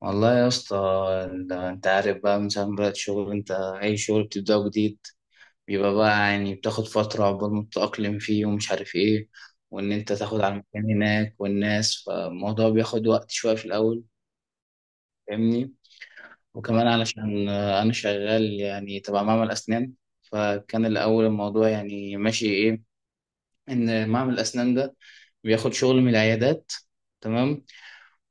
والله يا اسطى. انت عارف بقى من ساعة ما بدأت شغل، انت اي شغل بتبدأه جديد بيبقى بقى يعني بتاخد فترة عقبال ما تتأقلم فيه ومش عارف ايه، وان انت تاخد على المكان هناك والناس، فالموضوع بياخد وقت شوية في الأول، فاهمني. وكمان علشان انا شغال يعني تبع معمل اسنان، فكان الأول الموضوع يعني ماشي ايه، ان معمل الاسنان ده بياخد شغل من العيادات، تمام.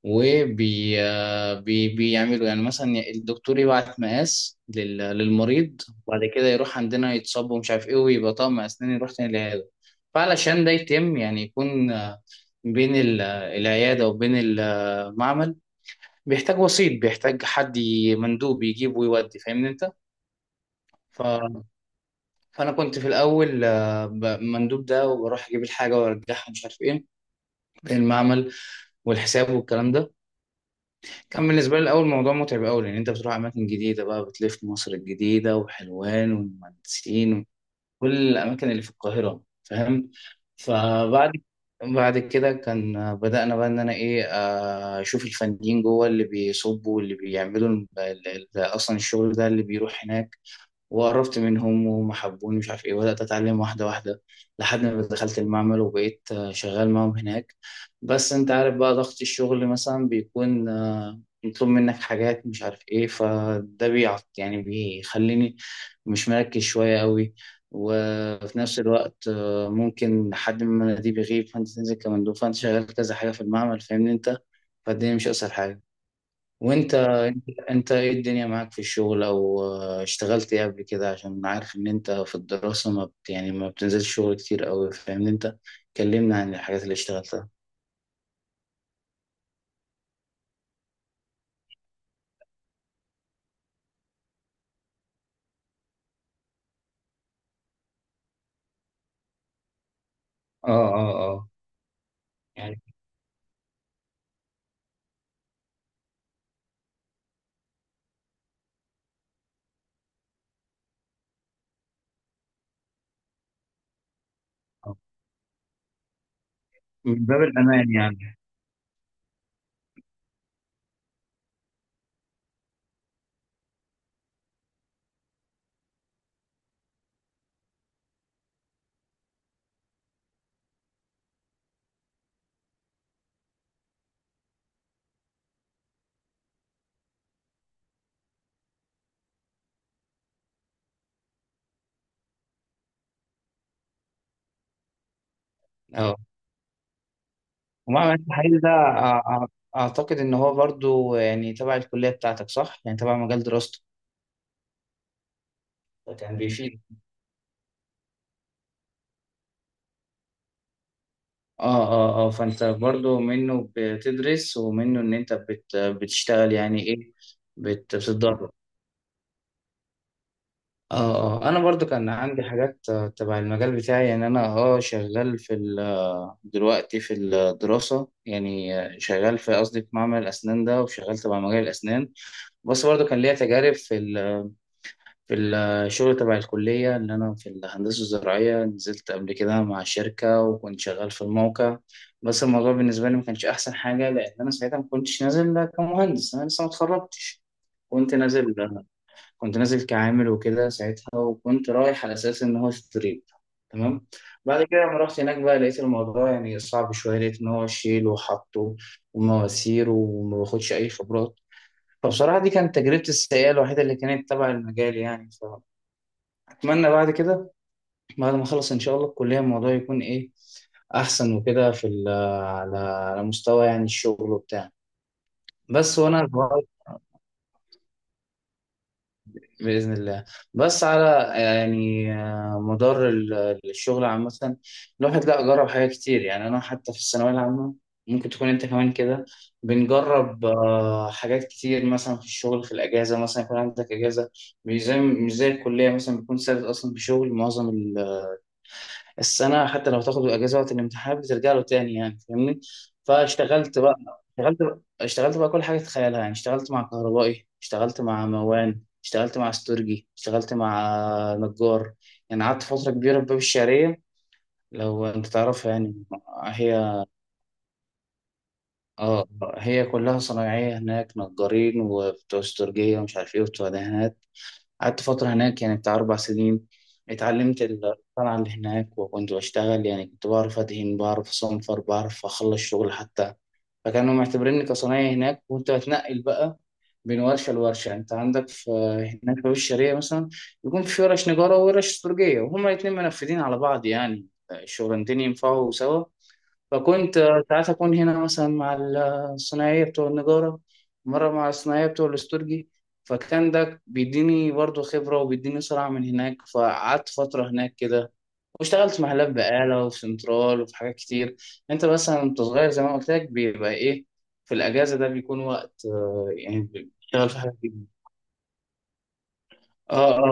وبي آه، بي بيعملوا يعني مثلا، الدكتور يبعت مقاس للمريض، وبعد كده يروح عندنا يتصب ومش عارف ايه، ويبقى طقم اسنان يروح تاني للعياده. فعلشان ده يتم يعني يكون بين العياده وبين المعمل، بيحتاج وسيط، بيحتاج حد مندوب يجيب ويودي، فاهمني انت. ف... فانا كنت في الاول مندوب ده، وبروح اجيب الحاجه وارجعها مش عارف ايه، المعمل والحساب والكلام ده كان بالنسبة لي الأول موضوع متعب أوي، لأن أنت بتروح أماكن جديدة بقى، بتلف مصر الجديدة وحلوان والمهندسين وكل الأماكن اللي في القاهرة، فاهم. فبعد كده كان بدأنا بقى إن أنا إيه أشوف الفنيين جوه اللي بيصبوا واللي بيعملوا أصلا الشغل ده اللي بيروح هناك، وقربت منهم وهم حبوني مش عارف ايه، بدأت اتعلم واحدة واحدة، لحد ما دخلت المعمل وبقيت شغال معاهم هناك. بس انت عارف بقى، ضغط الشغل مثلا بيكون مطلوب منك حاجات مش عارف ايه، فده بيعط يعني بيخليني مش مركز شوية قوي. وفي نفس الوقت ممكن حد من المناديب يغيب، فانت تنزل كمندوب، فانت شغال كذا حاجة في المعمل، فاهمني انت. فالدنيا مش اسهل حاجة. وانت ايه الدنيا معاك في الشغل، او اشتغلت ايه قبل كده، عشان عارف ان انت في الدراسة ما بت يعني ما بتنزلش شغل كتير قوي، فاهمني انت، كلمنا عن الحاجات اللي اشتغلتها. اه، اه، اه، يعني. آه. من باب الأمان يعني. اه، ومعمل التحاليل ده اعتقد ان هو برضو يعني تبع الكلية بتاعتك، صح؟ يعني تبع مجال دراستك، كان بيفيد. اه، اه، اه، فانت برضو منه بتدرس ومنه ان انت بتشتغل يعني ايه، بتتدرب. اه. انا برضو كان عندي حاجات تبع المجال بتاعي، يعني انا اه شغال في دلوقتي في الدراسة يعني، شغال في قصدي في معمل الاسنان ده وشغال تبع مجال الاسنان. بس برضو كان ليا تجارب في في الشغل تبع الكلية، ان انا في الهندسة الزراعية نزلت قبل كده مع شركة وكنت شغال في الموقع. بس الموضوع بالنسبة لي ما كانش احسن حاجة، لان انا ساعتها ما كنتش نازل كمهندس، انا لسه ما اتخرجتش. كنت نازل آه، كنت نازل كعامل وكده ساعتها، وكنت رايح على اساس ان هو ستريب، تمام. بعد كده لما رحت هناك بقى، لقيت الموضوع يعني صعب شويه، لقيت ان هو شيل وحطه ومواسير وما باخدش اي خبرات. فبصراحه دي كانت تجربتي السيئه الوحيده اللي كانت تبع المجال يعني. فاتمنى بعد ما اخلص ان شاء الله الكليه، الموضوع يكون ايه احسن وكده في على مستوى يعني الشغل وبتاع. بس وانا بإذن الله. بس على يعني مدار الشغل عامة، الواحد لا جرب حاجات كتير. يعني أنا حتى في الثانوية العامة، ممكن تكون أنت كمان كده، بنجرب حاجات كتير مثلا في الشغل، في الأجازة مثلا يكون عندك أجازة، مش زي الكلية مثلا بيكون ثابت أصلا، بشغل معظم السنة، حتى لو تاخد الأجازة وقت الامتحان بترجع له تاني، يعني فاهمني. فاشتغلت بقى كل حاجة تتخيلها يعني، اشتغلت مع كهربائي، اشتغلت مع موان، اشتغلت مع استورجي، اشتغلت مع نجار. يعني قعدت فترة كبيرة في باب الشعرية، لو انت تعرفها يعني. هي اه هي كلها صنايعية هناك، نجارين وبتوع استورجية ومش عارف ايه وبتوع دهانات. قعدت فترة هناك يعني بتاع 4 سنين، اتعلمت الصنعة اللي هناك وكنت بشتغل، يعني كنت بعرف أدهن، بعرف أصنفر، بعرف أخلص شغل حتى. فكانوا معتبريني كصنايعي هناك، وكنت بتنقل بقى بين ورشة لورشة. يعني أنت عندك في هناك في الشرقية مثلا، يكون في ورش نجارة وورش استرجية وهما الاتنين منفذين على بعض، يعني الشغلانتين ينفعوا سوا. فكنت ساعات أكون هنا مثلا مع الصناعية بتوع النجارة، مرة مع الصناعية بتوع الاسترجي، فكان ده بيديني برضه خبرة وبيديني سرعة من هناك. فقعدت فترة هناك كده، واشتغلت في محلات بقالة وفي سنترال وفي حاجات كتير. انت مثلا وانت صغير زي ما قلت لك بيبقى ايه، في الأجازة ده بيكون وقت يعني بتشتغل في حاجات كتير. اه، اه،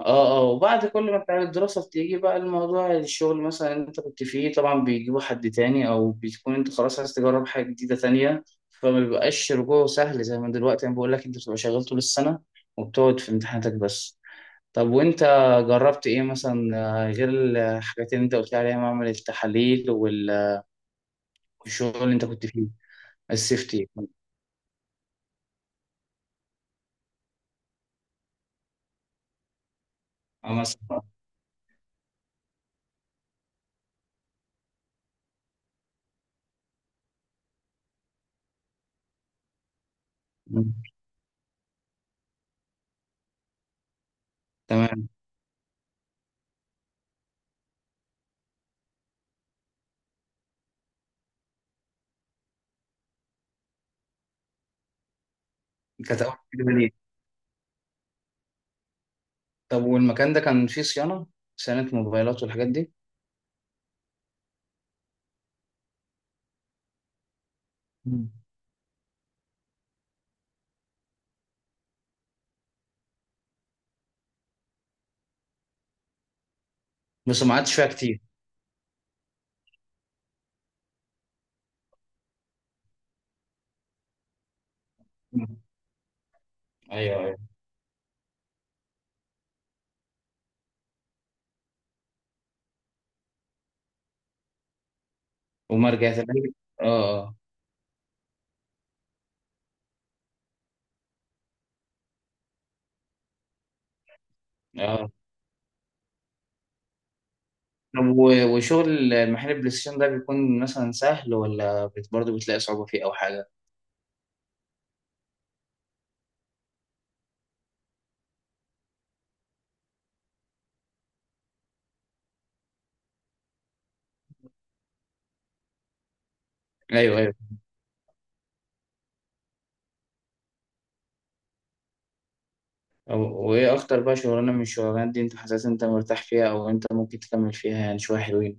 اه، اه، وبعد كل ما بتاع الدراسة بتيجي بقى، الموضوع الشغل مثلا اللي انت كنت فيه طبعا بيجيبوا حد تاني، او بتكون انت خلاص عايز تجرب حاجة جديدة تانية. فما بيبقاش رجوعه سهل، زي ما دلوقتي انا بقول لك، انت بتبقى شغال طول السنة وبتقعد في امتحاناتك بس. طب وانت جربت ايه مثلا غير الحاجات اللي انت قلت لي عليها، معمل التحاليل والشغل اللي انت كنت فيه، السيفتي. اه مثلا. مم. تمام. كانت اول كده ليه؟ طب والمكان ده كان فيه صيانة، صيانة موبايلات والحاجات دي؟ بس ما قعدتش فيها كتير. مم. ايوه، ايوه. وما رجعت لها؟ اه، اه، اه. طب وشغل محل البلاي ستيشن ده بيكون مثلا سهل، ولا برضه بتلاقي صعوبة فيه او حاجة؟ ايوه، ايوه. وايه اكتر بقى شغلانة من الشغلانات دي انت حاسس انت مرتاح فيها، او انت ممكن تكمل فيها يعني شوية حلوين؟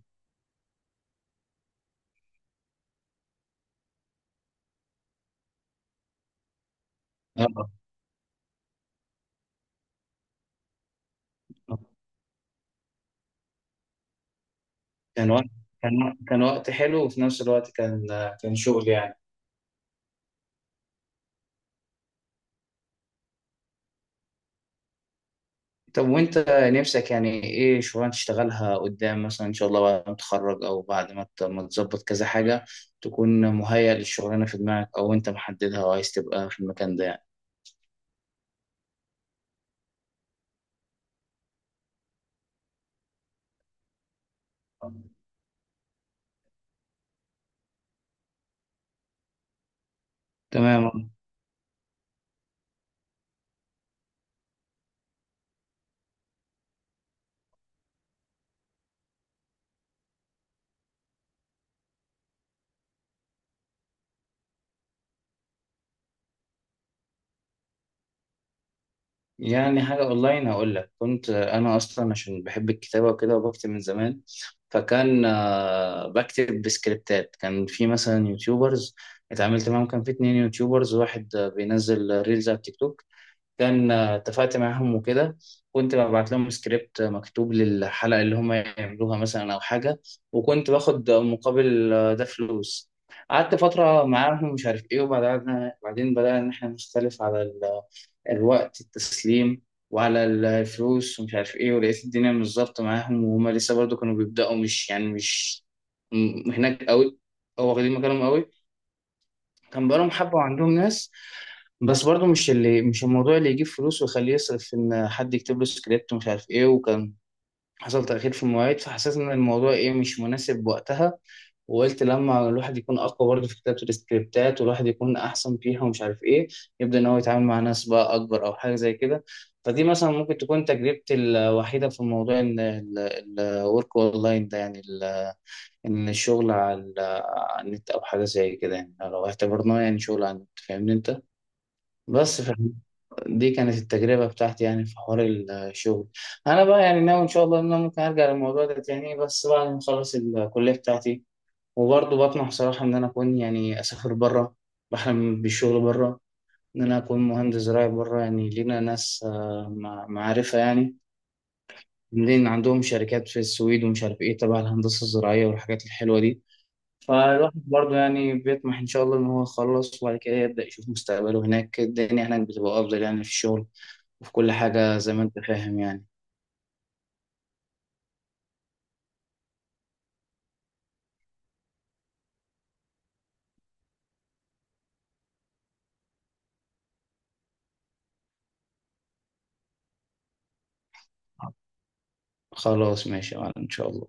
اه. آه. كان وقت كان وقت حلو، وفي نفس الوقت كان شغل يعني. طب وانت نفسك يعني ايه شغلانه تشتغلها قدام مثلا ان شاء الله، بعد ما تتخرج، او بعد ما ما تظبط كذا حاجه، تكون مهيأ للشغلانه في دماغك، او انت محددها وعايز تبقى في المكان ده يعني؟ تمام. يعني حاجه اونلاين هقول لك. كنت انا اصلا عشان بحب الكتابه وكده، وبكتب من زمان، فكان بكتب بسكريبتات. كان في مثلا يوتيوبرز اتعاملت معاهم، كان في 2 يوتيوبرز، واحد بينزل ريلز على التيك توك، كان اتفقت معاهم وكده. كنت ببعت لهم سكريبت مكتوب للحلقة اللي هم يعملوها مثلا أو حاجة، وكنت باخد مقابل ده فلوس. قعدت فترة معاهم مش عارف إيه، وبعدين بدأنا إن إحنا نختلف على الوقت التسليم وعلى الفلوس ومش عارف إيه، ولقيت الدنيا مش ظابطة معاهم. وهم لسه برضو كانوا بيبدأوا، مش يعني مش هناك قوي أو واخدين مكانهم قوي، كان بقالهم حبة وعندهم ناس. بس برضه مش اللي، مش الموضوع اللي يجيب فلوس ويخليه يصرف في ان حد يكتب له سكريبت ومش عارف ايه، وكان حصل تأخير في المواعيد. فحسيت ان الموضوع ايه، مش مناسب وقتها، وقلت لما الواحد يكون اقوى برضه في كتابة السكريبتات، والواحد يكون احسن فيها ومش عارف ايه، يبدأ ان هو يتعامل مع ناس بقى اكبر او حاجة زي كده. فدي مثلا ممكن تكون تجربتي الوحيدة في موضوع ان الورك اونلاين ده يعني، ان الشغل على النت او حاجه زي كده، يعني لو اعتبرناه يعني شغل على النت، فاهمني انت. بس ف- دي كانت التجربه بتاعتي يعني في حوار الشغل. انا بقى يعني ناوي ان شاء الله ان انا ممكن ارجع للموضوع ده تاني، بس بعد ما اخلص الكليه بتاعتي. وبرضه بطمح صراحه ان انا اكون يعني اسافر بره، بحلم بالشغل بره، ان انا اكون مهندس زراعي بره، يعني لينا ناس معرفه يعني، لان عندهم شركات في السويد ومش عارف ايه تبع الهندسه الزراعيه والحاجات الحلوه دي. فالواحد برضه يعني بيطمح إن شاء الله إن هو يخلص، وبعد كده يبدأ يشوف مستقبله هناك. الدنيا هناك بتبقى أفضل، يعني في الشغل وفي كل حاجة زي ما أنت فاهم يعني. خلاص، ماشي يا معلم، إن شاء الله.